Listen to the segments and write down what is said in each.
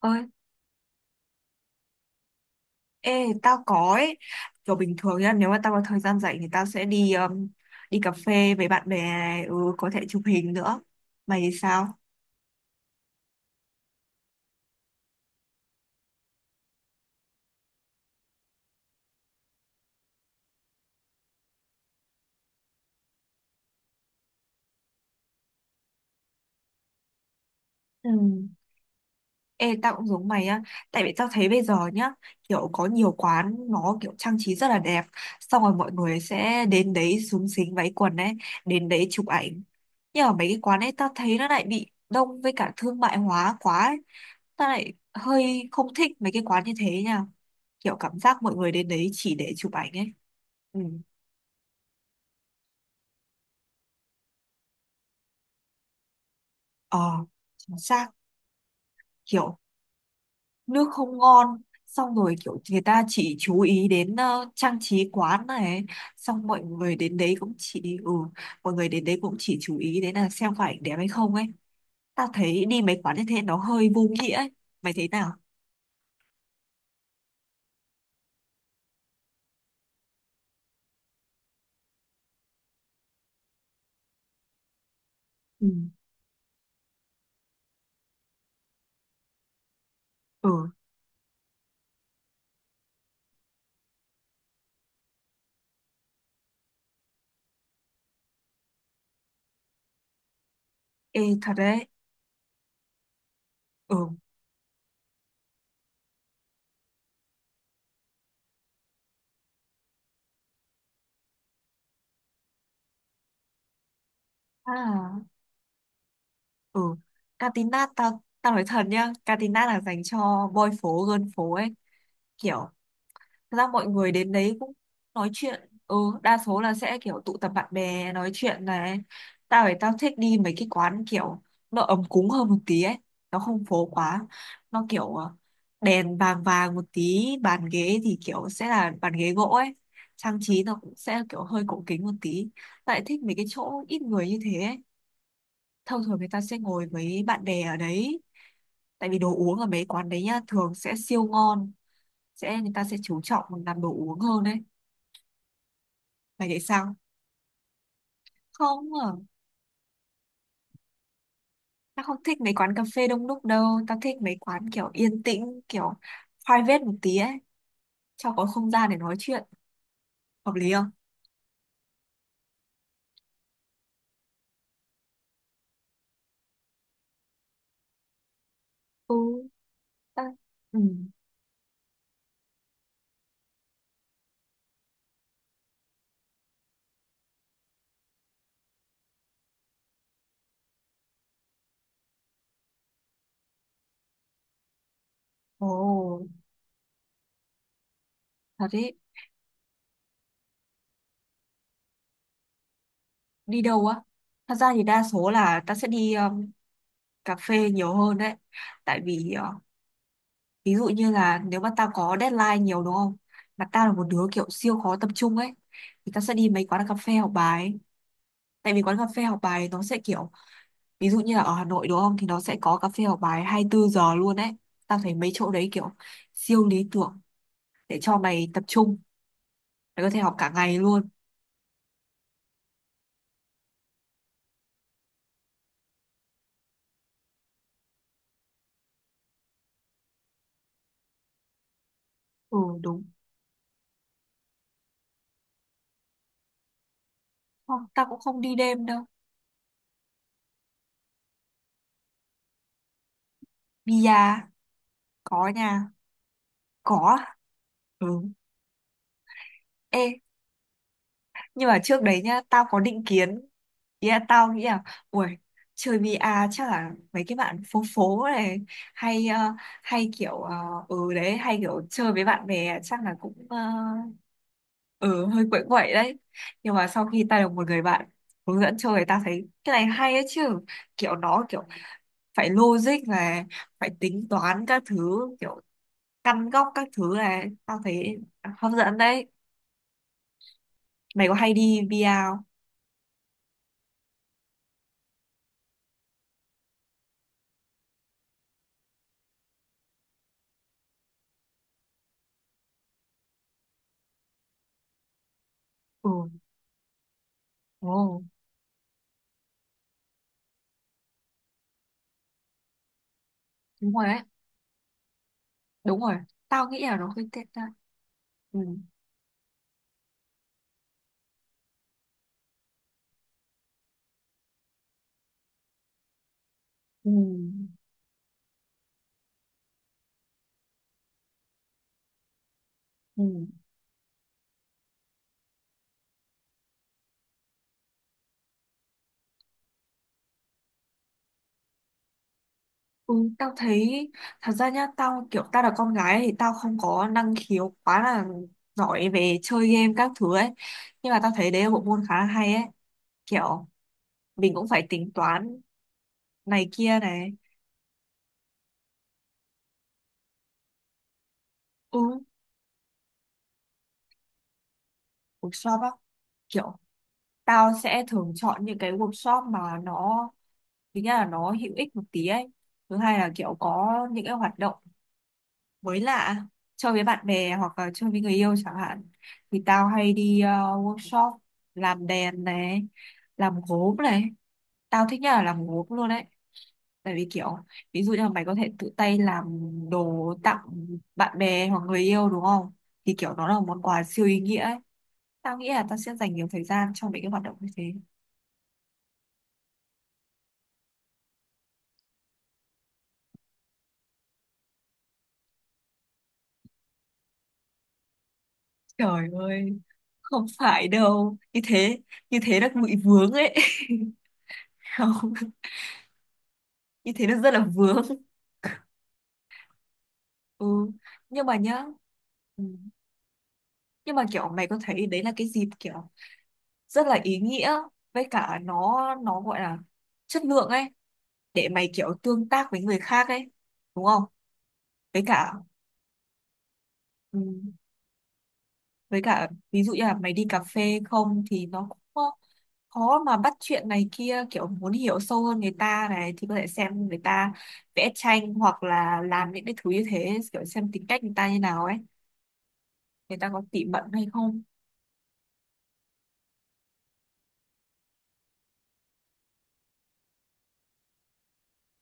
Ơi, ê, tao có ấy. Kiểu, bình thường nhá, nếu mà tao có thời gian rảnh thì tao sẽ đi đi cà phê với bạn bè này. Ừ, có thể chụp hình nữa. Mày thì sao? Ừ. Ê, tao cũng giống mày á. Tại vì tao thấy bây giờ nhá, kiểu có nhiều quán nó kiểu trang trí rất là đẹp, xong rồi mọi người sẽ đến đấy xúm xính váy quần ấy, đến đấy chụp ảnh. Nhưng mà mấy cái quán ấy tao thấy nó lại bị đông với cả thương mại hóa quá ấy. Tao lại hơi không thích mấy cái quán như thế nha. Kiểu cảm giác mọi người đến đấy chỉ để chụp ảnh ấy. Ừ. Ờ, chính xác. Kiểu nước không ngon, xong rồi kiểu người ta chỉ chú ý đến trang trí quán này, xong mọi người đến đấy cũng chỉ ừ, mọi người đến đấy cũng chỉ chú ý đến là xem phải đẹp hay không ấy. Ta thấy đi mấy quán như thế nó hơi vô nghĩa ấy. Mày thấy nào? Ừ. Ừ. Ê, thật đấy. Ừ. À. Ừ. Catinat, tao tao nói thật nhá, Catinat là dành cho boy phố girl phố ấy. Kiểu thật ra mọi người đến đấy cũng nói chuyện, ừ, đa số là sẽ kiểu tụ tập bạn bè nói chuyện này. Tao thích đi mấy cái quán kiểu nó ấm cúng hơn một tí ấy, nó không phố quá. Nó kiểu đèn vàng vàng một tí, bàn ghế thì kiểu sẽ là bàn ghế gỗ ấy, trang trí nó cũng sẽ kiểu hơi cổ kính một tí. Tao lại thích mấy cái chỗ ít người như thế ấy, thông thường người ta sẽ ngồi với bạn bè ở đấy. Tại vì đồ uống ở mấy quán đấy nhá thường sẽ siêu ngon, sẽ người ta sẽ chú trọng làm đồ uống hơn đấy. Mày thấy sao? Không à, tao không thích mấy quán cà phê đông đúc đâu, tao thích mấy quán kiểu yên tĩnh, kiểu private một tí ấy, cho có không gian để nói chuyện, hợp lý không? Ừ, tao... Ừ. Ồ, thật đấy. Đi đâu á? Thật ra thì đa số là tao sẽ đi cà phê nhiều hơn đấy, tại vì ví dụ như là nếu mà tao có deadline nhiều đúng không? Mà tao là một đứa kiểu siêu khó tập trung ấy, thì tao sẽ đi mấy quán cà phê học bài, tại vì quán cà phê học bài nó sẽ kiểu ví dụ như là ở Hà Nội đúng không, thì nó sẽ có cà phê học bài 24 giờ luôn ấy. Tao thấy mấy chỗ đấy kiểu siêu lý tưởng để cho mày tập trung, mày có thể học cả ngày luôn. Ừ, đúng không. Tao cũng không đi đêm đâu. Bia? Có nha. Có. Ừ. Ê, nhưng mà trước đấy nhá tao có định kiến. Ý là tao nghĩ là, ui, chơi VR chắc là mấy cái bạn phố phố này, hay hay kiểu ừ đấy, hay kiểu chơi với bạn bè chắc là cũng ừ, hơi quậy quậy đấy. Nhưng mà sau khi ta được một người bạn hướng dẫn chơi, ta thấy cái này hay ấy chứ. Kiểu nó kiểu phải logic này, phải tính toán các thứ, kiểu căn góc các thứ này, tao thấy hấp dẫn đấy. Mày có hay đi VR không? Ừ. Ồ. Đúng rồi đấy. Đúng rồi, tao nghĩ là nó hơi tệ ra. Ừ. Ừ. Ừ. Ừ, tao thấy thật ra nhá, tao kiểu tao là con gái thì tao không có năng khiếu quá là giỏi về chơi game các thứ ấy. Nhưng mà tao thấy đấy là bộ môn khá là hay ấy. Kiểu mình cũng phải tính toán này kia này. Ừ, workshop á, kiểu tao sẽ thường chọn những cái workshop mà nó, thứ nhất là nó hữu ích một tí ấy, thứ hai là kiểu có những cái hoạt động mới lạ, chơi với bạn bè hoặc là chơi với người yêu chẳng hạn, thì tao hay đi workshop làm đèn này, làm gốm này. Tao thích nhất là làm gốm luôn đấy. Tại vì kiểu ví dụ như là mày có thể tự tay làm đồ tặng bạn bè hoặc người yêu đúng không, thì kiểu nó là một món quà siêu ý nghĩa ấy. Tao nghĩ là tao sẽ dành nhiều thời gian cho mấy cái hoạt động như thế. Trời ơi, không phải đâu. Như thế là bị vướng ấy. Không, như thế nó rất là vướng. Ừ, nhưng mà nhá, ừ, nhưng mà kiểu mày có thấy đấy là cái dịp kiểu rất là ý nghĩa, với cả nó gọi là chất lượng ấy, để mày kiểu tương tác với người khác ấy, đúng không? Với cả ừ, với cả ví dụ như là mày đi cà phê không thì nó cũng có- khó mà bắt chuyện này kia, kiểu muốn hiểu sâu hơn người ta này thì có thể xem người ta vẽ tranh hoặc là làm những cái thứ như thế, kiểu xem tính cách người ta như nào ấy, người ta có tỉ mẩn hay không.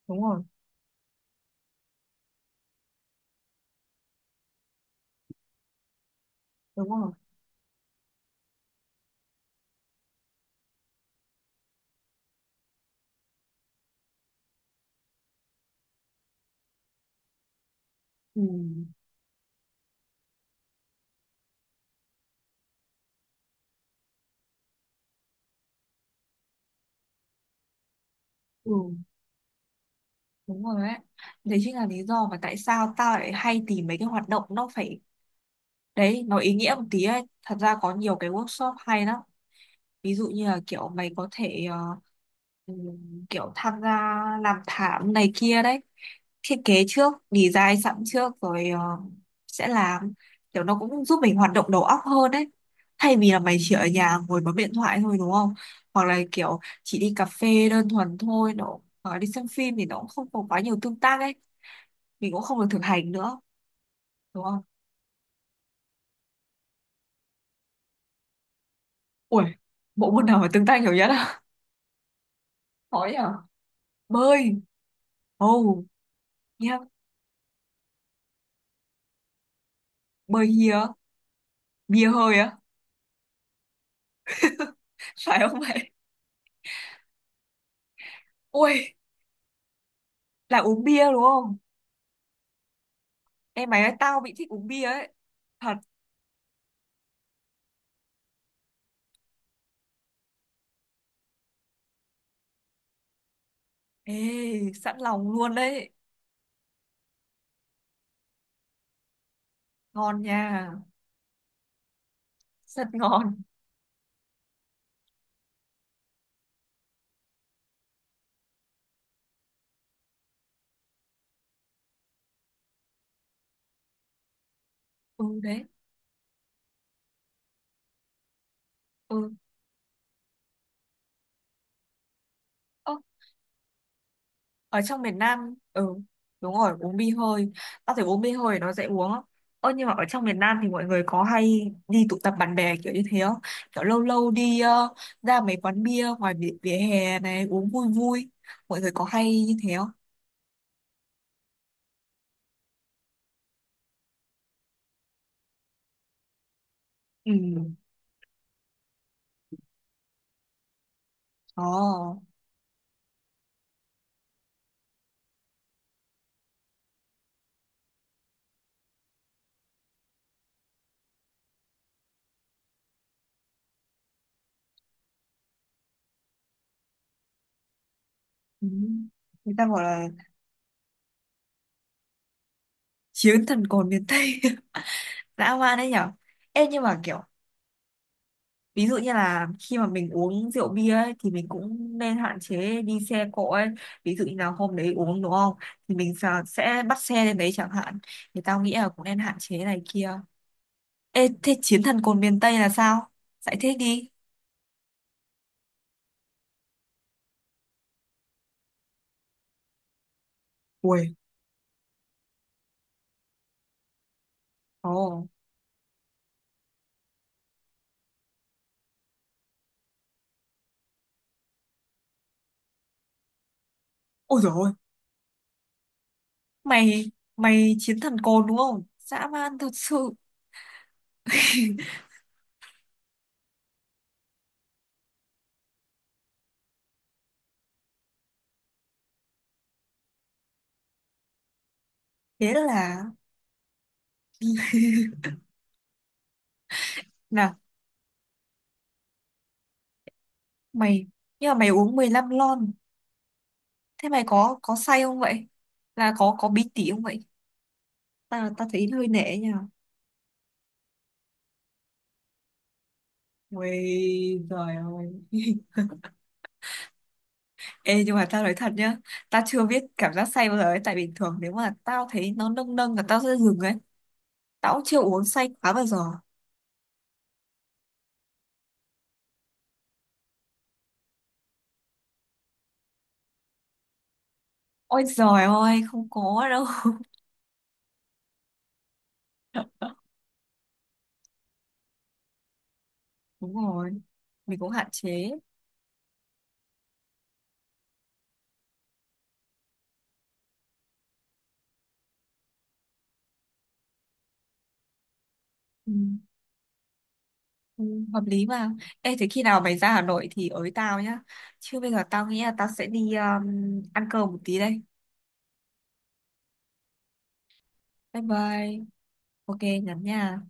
Đúng rồi. Đúng rồi. Ừ. Ừ, đúng rồi đấy. Đấy chính là lý do mà tại sao tao lại hay tìm mấy cái hoạt động nó phải, đấy, nó ý nghĩa một tí ấy. Thật ra có nhiều cái workshop hay lắm. Ví dụ như là kiểu mày có thể kiểu tham gia làm thảm này kia đấy, thiết kế trước, design sẵn trước rồi sẽ làm, kiểu nó cũng giúp mình hoạt động đầu óc hơn đấy, thay vì là mày chỉ ở nhà ngồi bấm điện thoại thôi đúng không, hoặc là kiểu chỉ đi cà phê đơn thuần thôi nó, hoặc là đi xem phim thì nó cũng không có quá nhiều tương tác ấy, mình cũng không được thực hành nữa, đúng không? Ui, bộ môn nào mà tương tác nhiều nhất á? Khó nhở. Bơi. Oh. Yeah. Bơi hia. Bia hơi á? Phải không vậy? Ui, là uống bia đúng không? Em mày nói tao bị thích uống bia ấy, thật. Ê, sẵn lòng luôn đấy. Ngon nha. Rất ngon. Ừ đấy. Ừ. Ơ, ở trong miền Nam, ừ, đúng rồi, uống bia hơi. Tao thấy uống bia hơi nó dễ uống á. Ơ nhưng mà ở trong miền Nam thì mọi người có hay đi tụ tập bạn bè kiểu như thế không? Kiểu lâu lâu đi ra mấy quán bia ngoài vỉa, vỉa hè này uống vui vui, mọi người có hay như thế không? Ừ. Ờ. Ừ. Người ta bảo là chiến thần cồn miền Tây. Dã man đấy nhở. Ê nhưng mà kiểu ví dụ như là khi mà mình uống rượu bia ấy, thì mình cũng nên hạn chế đi xe cộ ấy. Ví dụ như là hôm đấy uống đúng không, thì mình sẽ bắt xe lên đấy chẳng hạn, thì tao nghĩ là cũng nên hạn chế này kia. Ê thế chiến thần cồn miền Tây là sao? Giải thích đi. Ui. Ồ. Ôi dồi ôi. Mày, mày chiến thần cồn đúng không, dã man thật sự. Thế là. Nào. Mày, nhưng mà mày uống 15 lon? Thế mày có say không vậy? Là có bí tỉ không vậy? Ta ta thấy hơi nể nha. Ui, trời ơi. Ê, nhưng mà tao nói thật nhá. Tao chưa biết cảm giác say bao giờ ấy. Tại bình thường nếu mà tao thấy nó nâng nâng là tao sẽ dừng ấy. Tao cũng chưa uống say quá bao giờ. Ôi giời ơi, không có đâu. Đúng rồi, mình cũng hạn chế. Ừ, ừ, hợp lý mà. Ê, thế khi nào mày ra Hà Nội thì ới tao nhá. Chứ bây giờ tao nghĩ là tao sẽ đi ăn cơm một tí đây. Bye bye. Ok, nhắn nha.